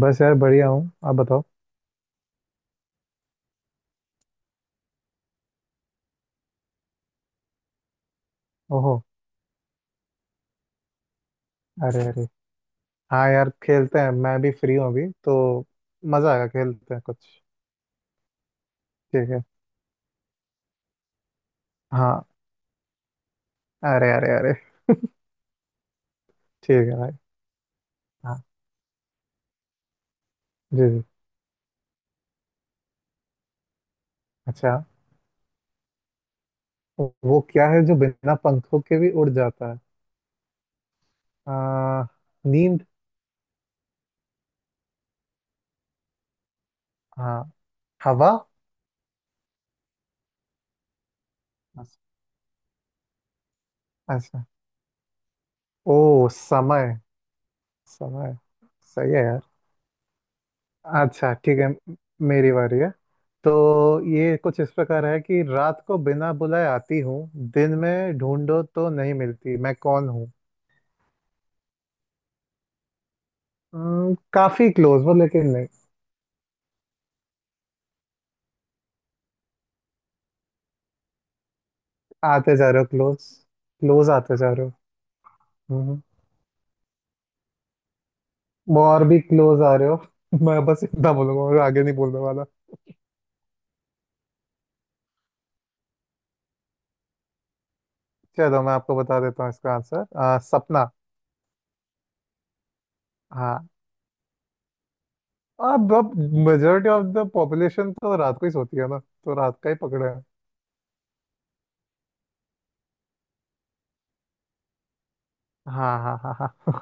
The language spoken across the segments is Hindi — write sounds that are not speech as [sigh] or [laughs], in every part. बस यार, बढ़िया हूँ। आप बताओ। ओहो। अरे अरे। हाँ, यार खेलते हैं, मैं भी फ्री हूँ अभी तो। मजा आएगा, खेलते हैं कुछ। ठीक है। हाँ। अरे अरे अरे। ठीक है भाई। हाँ। जी जी। अच्छा। वो क्या है जो बिना पंखों के भी उड़ जाता है? आ, नींद। हाँ। हवा। अच्छा। ओ समय। समय। सही है यार। अच्छा, ठीक है। मेरी बारी है। तो ये कुछ इस प्रकार है कि रात को बिना बुलाए आती हूँ, दिन में ढूंढो तो नहीं मिलती, मैं कौन हूँ? काफी क्लोज हो, लेकिन नहीं। आते जा रहे हो क्लोज। क्लोज आते जा रहे हो। हम्म, वो और भी क्लोज आ रहे हो। [laughs] मैं बस इतना बोलूंगा और आगे नहीं बोलने वाला। चलो, मैं आपको बता देता हूँ इसका आंसर, सपना। हाँ। अब मेजोरिटी ऑफ द पॉपुलेशन तो रात को ही सोती है ना, तो रात का ही पकड़े हैं। हाँ हाँ हाँ हाँ।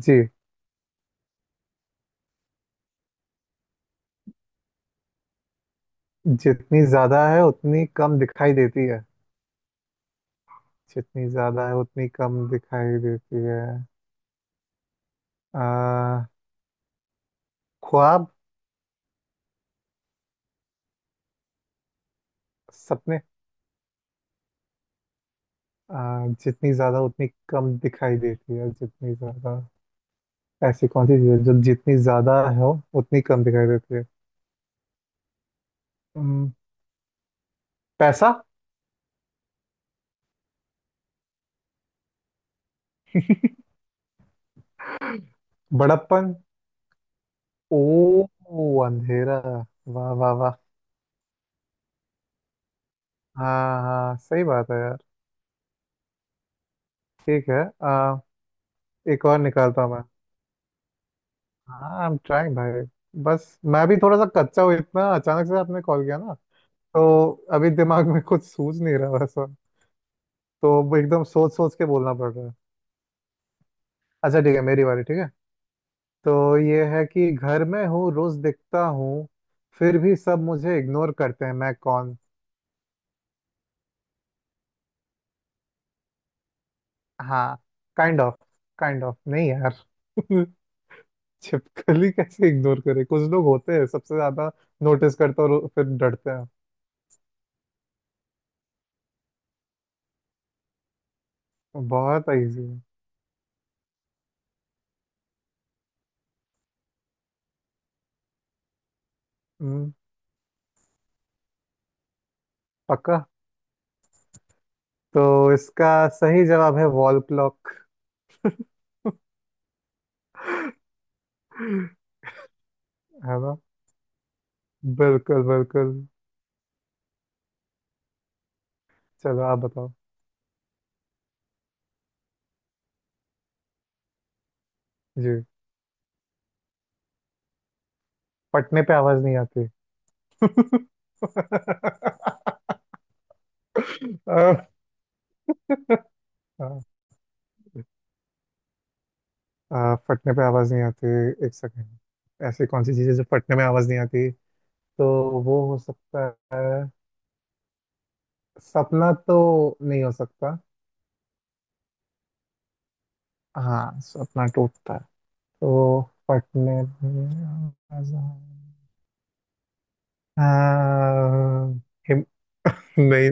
जी। जितनी ज्यादा है उतनी कम दिखाई देती है। जितनी ज्यादा है उतनी कम दिखाई देती है। आ, ख्वाब। सपने। जितनी ज्यादा उतनी कम दिखाई देती है, जितनी ज्यादा। ऐसी कौन सी चीज है जो जितनी ज्यादा हो उतनी कम दिखाई देती है? हम्म, पैसा। बड़प्पन। ओ। अंधेरा। वाह वाह वाह। हाँ हाँ, सही बात है यार। ठीक है। आ, एक और निकालता हूँ मैं। हाँ, आई एम ट्राइंग भाई। बस मैं भी थोड़ा सा कच्चा हूँ, इतना अचानक से आपने कॉल किया ना, तो अभी दिमाग में कुछ सूझ नहीं रहा वैसा। तो अब एकदम सोच सोच के बोलना पड़ रहा है। अच्छा ठीक है, मेरी बारी, ठीक है। तो ये है कि घर में हूँ, रोज दिखता हूँ, फिर भी सब मुझे इग्नोर करते हैं, मैं कौन? हाँ। Kind of. काइंड ऑफ नहीं यार। [laughs] छिपकली कैसे इग्नोर करे, कुछ लोग होते हैं सबसे ज्यादा नोटिस करते हैं और फिर डरते हैं। बहुत इजी है। हम्म। पक्का। तो इसका सही जवाब है वॉल क्लॉक। है ना? बिल्कुल बिल्कुल। चलो आप बताओ। जी। फटने पे आवाज नहीं आती। [laughs] अ, अ, फटने पे आवाज नहीं आती, एक सेकेंड। ऐसी कौन सी चीज है जो फटने में आवाज नहीं आती? तो वो हो सकता है सपना तो, नहीं हो सकता। हाँ सपना टूटता है। तो फटने में हाँ, हिम- नहीं।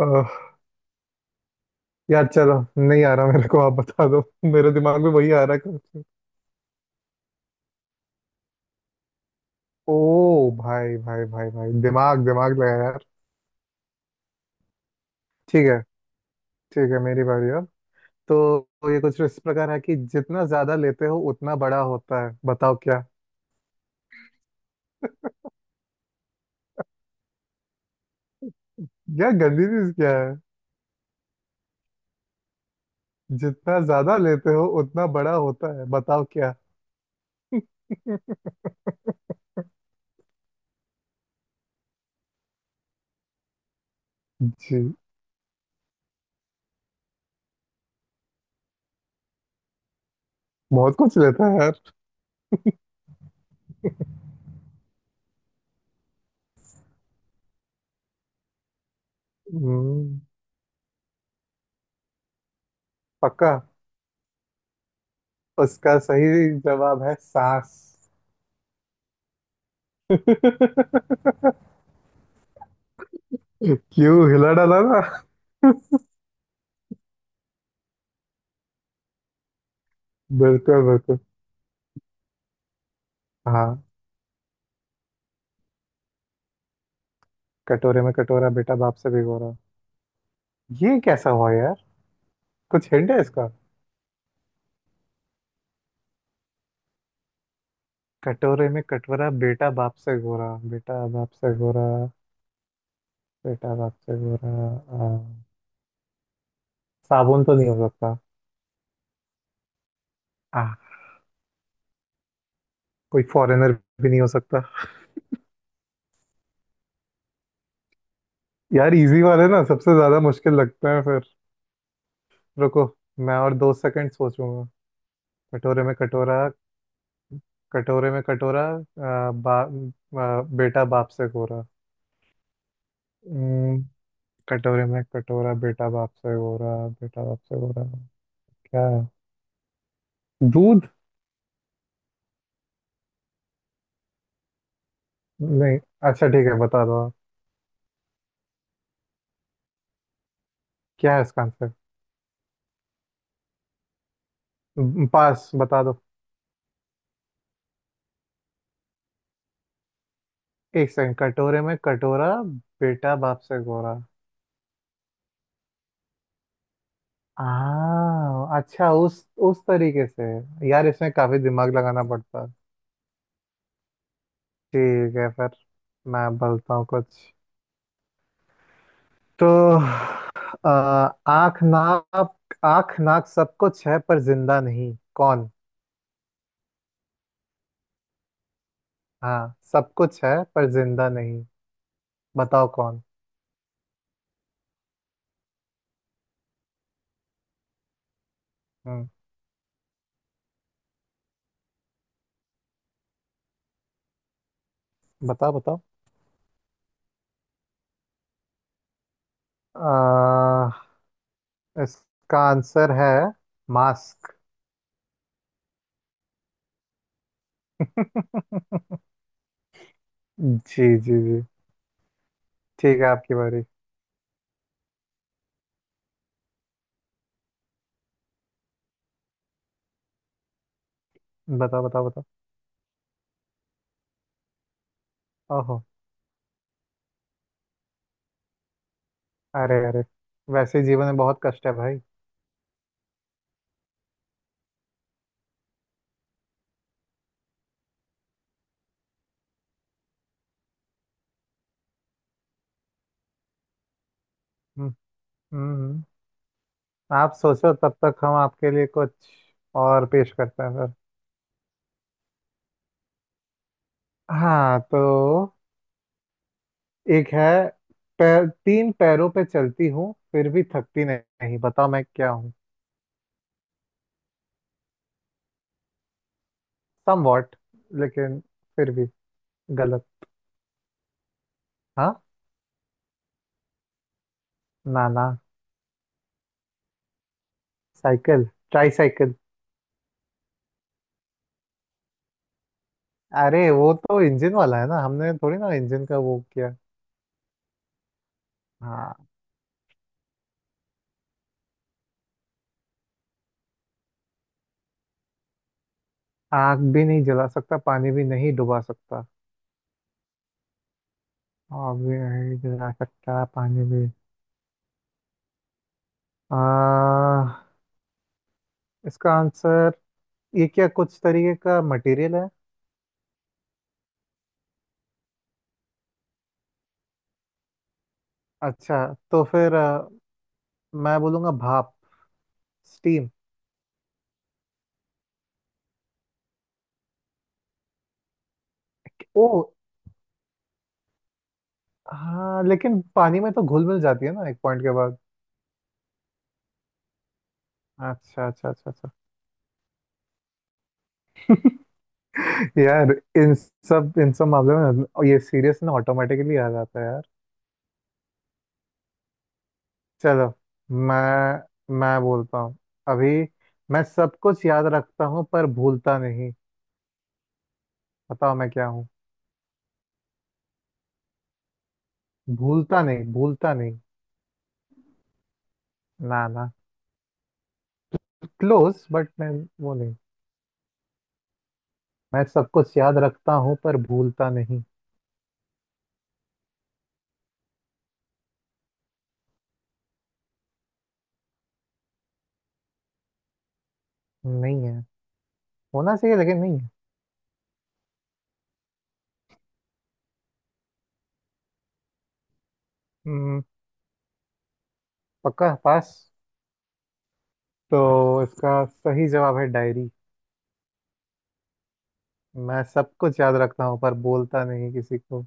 नहीं यार, चलो नहीं आ रहा मेरे को, आप बता दो। [laughs] मेरे दिमाग में वही आ रहा है कुछ। ओ भाई भाई भाई भाई, दिमाग दिमाग लगा यार। ठीक है, ठीक है मेरी बारी अब। तो ये कुछ इस प्रकार है कि जितना ज्यादा लेते हो उतना बड़ा होता है, बताओ क्या। क्या गंदी चीज क्या है? जितना ज्यादा लेते हो उतना बड़ा होता है, बताओ क्या। [laughs] जी। बहुत कुछ लेता है यार। हम्म, पक्का। उसका सही जवाब है सांस। [laughs] क्यों, हिला डाला ना? बिल्कुल बिल्कुल। हाँ। कटोरे में कटोरा बेटा बाप से भिगोरा, ये कैसा हुआ यार? कुछ हिंट है इसका? कटोरे में कटोरा, बेटा बाप से गोरा, बेटा बाप से गोरा। बेटा बाप से गोरा। आ, साबुन तो नहीं हो सकता। आ, कोई फॉरेनर भी नहीं हो सकता। यार इजी वाले ना सबसे ज्यादा मुश्किल लगते हैं फिर। रुको, मैं और 2 सेकंड सोचूंगा। कटोरे में कटोरा। कटोरे में कटोरा बेटा बाप से गोरा। कटोरे में कटोरा, बेटा बाप से गोरा, बेटा बाप से गोरा। क्या है? दूध। नहीं। अच्छा ठीक है, बता दो आप, क्या है इसका आंसर? पास, बता दो। एक सेकंड। कटोरे में कटोरा, बेटा बाप से गोरा। आ। अच्छा, उस तरीके से। यार इसमें काफी दिमाग लगाना पड़ता है। ठीक है फिर, मैं बोलता हूँ कुछ। तो आ, आँख नाक। आँख नाक सब कुछ है, पर जिंदा नहीं, कौन? हाँ सब कुछ है, पर जिंदा नहीं, बताओ कौन। हम्म। बताओ बताओ। आ, इसका आंसर है मास्क। [laughs] जी जी जी। ठीक है आपकी बारी। बताओ बताओ बताओ। ओहो। अरे अरे। वैसे ही जीवन में बहुत कष्ट है भाई। हम्म। हम्म हम्म। आप सोचो, तब तक हम आपके लिए कुछ और पेश करते हैं सर। हाँ, तो एक है, पैर, तीन पैरों पे चलती हूँ फिर भी थकती नहीं, बताओ मैं क्या। समवॉट, लेकिन फिर भी गलत। हाँ। ना ना। साइकिल। Try cycle. अरे वो तो इंजन वाला है ना, हमने थोड़ी ना इंजन का वो किया। हाँ। आग भी नहीं जला सकता, पानी भी नहीं डुबा सकता। आग भी नहीं जला सकता, पानी भी। आ, इसका आंसर ये क्या कुछ तरीके का मटेरियल है? अच्छा। तो फिर मैं बोलूंगा भाप, स्टीम। ओ। हाँ, लेकिन पानी में तो घुल मिल जाती है ना एक पॉइंट के बाद। अच्छा अच्छा अच्छा अच्छा। यार इन सब मामलों में और ये सीरियस ना ऑटोमेटिकली आ जाता है यार। चलो, मैं बोलता हूँ अभी। मैं सब कुछ याद रखता हूँ पर भूलता नहीं, बताओ मैं क्या हूँ। भूलता नहीं, भूलता नहीं। ना ना। क्लोज बट मैं, वो नहीं। मैं सब कुछ याद रखता हूँ पर भूलता नहीं। नहीं है। होना चाहिए लेकिन नहीं है। हम्म, पक्का, पास। तो इसका सही जवाब है डायरी। मैं सब कुछ याद रखता हूँ पर बोलता नहीं किसी को।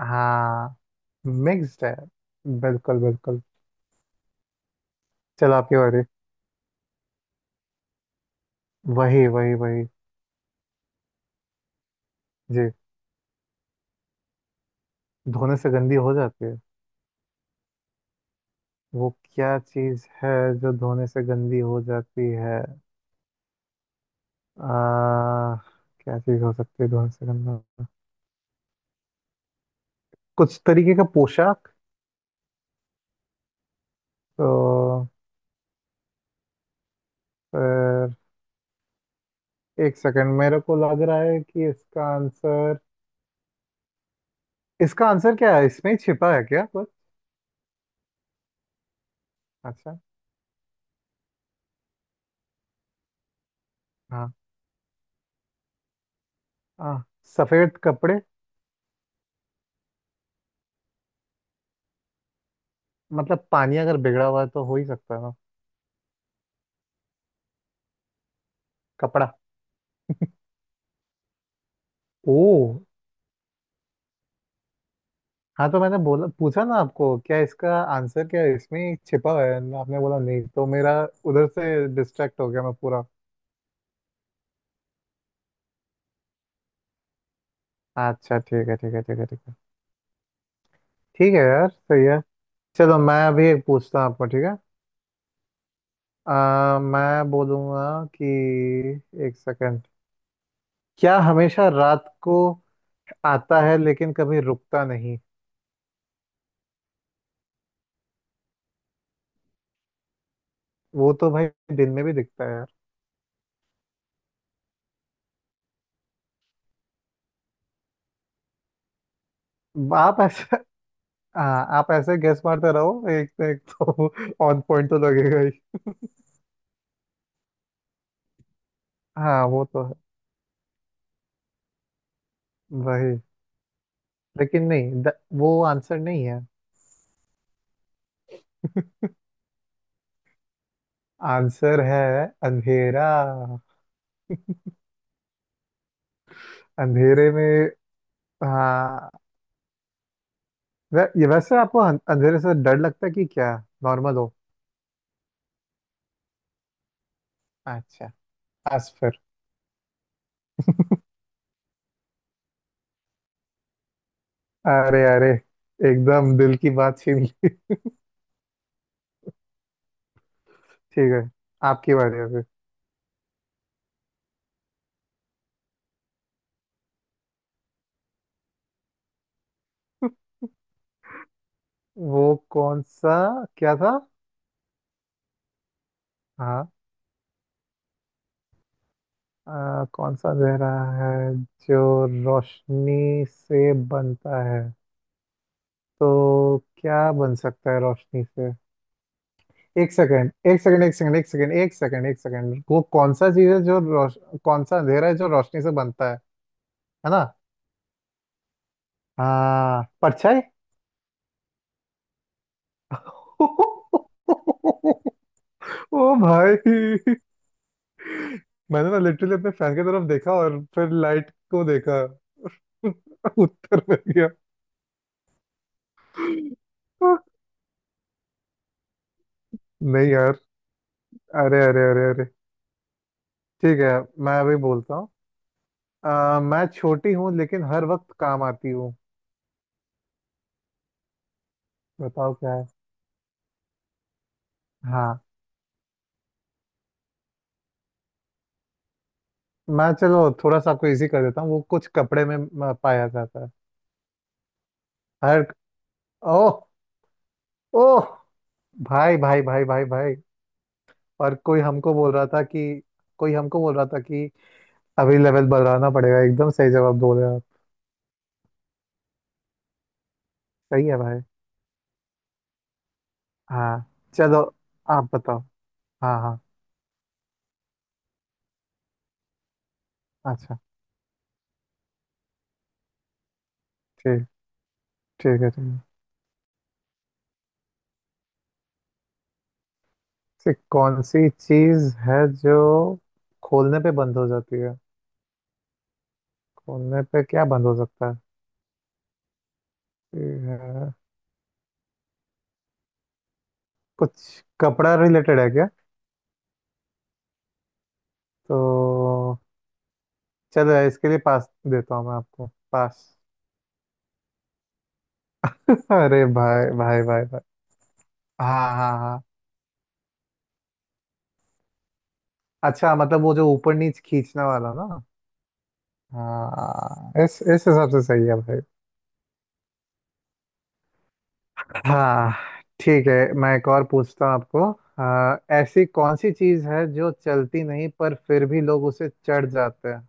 हाँ मिक्स्ड है, बिल्कुल बिल्कुल। चलो आपकी बारी। वही वही वही। जी। धोने से गंदी हो जाती है। वो क्या चीज है जो धोने से गंदी हो जाती है? आ, क्या चीज हो सकती है धोने से गंदा? कुछ तरीके का पोशाक? तो फिर एक सेकंड, मेरे को लग रहा है कि इसका आंसर, इसका आंसर क्या है इसमें ही छिपा है क्या कुछ? अच्छा। हाँ हाँ। सफेद कपड़े। मतलब पानी अगर बिगड़ा हुआ है तो हो ही सकता है। कपड़ा। ओ। हाँ तो मैंने बोला, पूछा ना आपको, क्या इसका आंसर क्या है? इसमें ही छिपा हुआ है। आपने बोला नहीं, तो मेरा उधर से डिस्ट्रैक्ट हो गया मैं पूरा। अच्छा ठीक है ठीक है ठीक है ठीक है। ठीक है यार, सही है। चलो, मैं अभी एक पूछता हूँ आपको, ठीक है? मैं बोलूँगा कि, एक सेकंड, क्या हमेशा रात को आता है लेकिन कभी रुकता नहीं। वो तो भाई दिन में भी दिखता है यार। आप ऐसे, हाँ आप ऐसे गेस मारते रहो एक एक, तो ऑन पॉइंट तो लगेगा। हाँ वो तो है। वही। लेकिन नहीं, वो आंसर नहीं है। [laughs] आंसर है अंधेरा। अंधेरे में। हाँ। ये वैसे आपको अंधेरे से डर लगता है कि क्या, नॉर्मल हो? अच्छा। बस फिर। अरे अरे, एकदम दिल की बात छीन ली। [laughs] ठीक है। आपकी बारी है फिर। वो कौन सा, क्या था? हाँ। कौन सा अंधेरा है जो रोशनी से बनता है? तो क्या बन सकता है रोशनी से? एक सेकंड एक सेकंड एक सेकंड एक सेकंड एक सेकंड एक सेकंड, वो कौन सा चीज है जो रोश कौन सा अंधेरा है जो रोशनी से बनता है ना? हाँ, परछाई। [laughs] ओ भाई। मैंने ना लिटरली अपने फैन की तरफ देखा और फिर लाइट को देखा। [laughs] उत्तर मिल गया। नहीं यार। अरे अरे अरे अरे। ठीक है, मैं अभी बोलता हूँ। मैं छोटी हूँ लेकिन हर वक्त काम आती हूँ, बताओ क्या। हाँ। मैं चलो थोड़ा सा आपको इजी कर देता हूँ, वो कुछ कपड़े में पाया जाता है। हर। ओ। ओ भाई भाई भाई भाई भाई, और कोई हमको बोल रहा था कि, कोई हमको बोल रहा था कि अभी लेवल बढ़ाना पड़ेगा, एकदम सही जवाब बोल रहे हो आप। सही है भाई। हाँ। चलो आप बताओ। हाँ हाँ। अच्छा। ठीक, ठीक है, ठीक है। से कौन सी चीज है जो खोलने पे बंद हो जाती है? खोलने पे क्या बंद हो सकता है? ये है- कुछ कपड़ा रिलेटेड है क्या? तो चलो इसके लिए पास देता हूँ मैं आपको, पास। [laughs] अरे भाई भाई भाई भाई। हाँ हाँ हाँ। अच्छा मतलब वो जो ऊपर नीच खींचने वाला ना। हाँ, इस हिसाब से सही है भाई। हाँ। ठीक है, मैं एक और पूछता हूँ आपको। हाँ, ऐसी कौन सी चीज़ है जो चलती नहीं पर फिर भी लोग उसे चढ़ जाते हैं?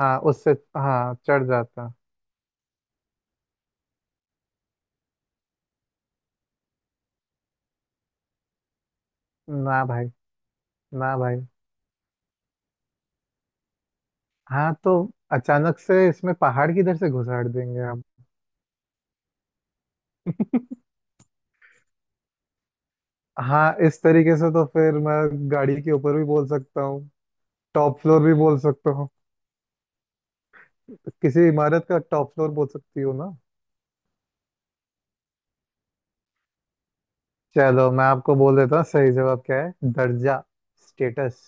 हाँ उससे, हाँ चढ़ जाते हैं। ना भाई, ना भाई। हाँ तो अचानक से इसमें पहाड़ किधर से घुसाड़ देंगे। हाँ इस तरीके से तो फिर मैं गाड़ी के ऊपर भी बोल सकता हूँ, टॉप फ्लोर भी बोल सकता हूँ, किसी इमारत का टॉप फ्लोर बोल सकती हूँ ना। चलो, मैं आपको बोल देता हूँ सही जवाब क्या है, दर्जा, स्टेटस।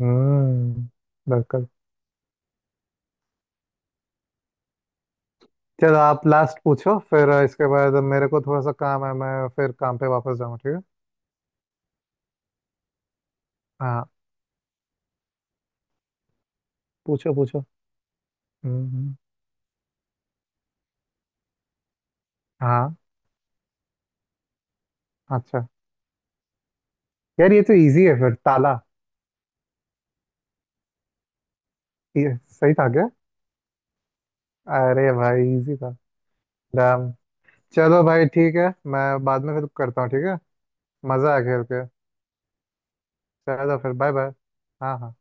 हम्म। बिल्कुल। चलो आप लास्ट पूछो, फिर इसके बाद मेरे को थोड़ा सा काम है, मैं फिर काम पे वापस जाऊँ, ठीक है? हाँ। पूछो पूछो। हम्म। हाँ। अच्छा यार, ये तो इजी है फिर, ताला। ये सही था क्या? अरे भाई, इजी था। चलो भाई ठीक है, मैं बाद में फिर करता हूँ, ठीक है? मज़ा आया खेल के। चलो फिर, बाय बाय। हाँ हाँ।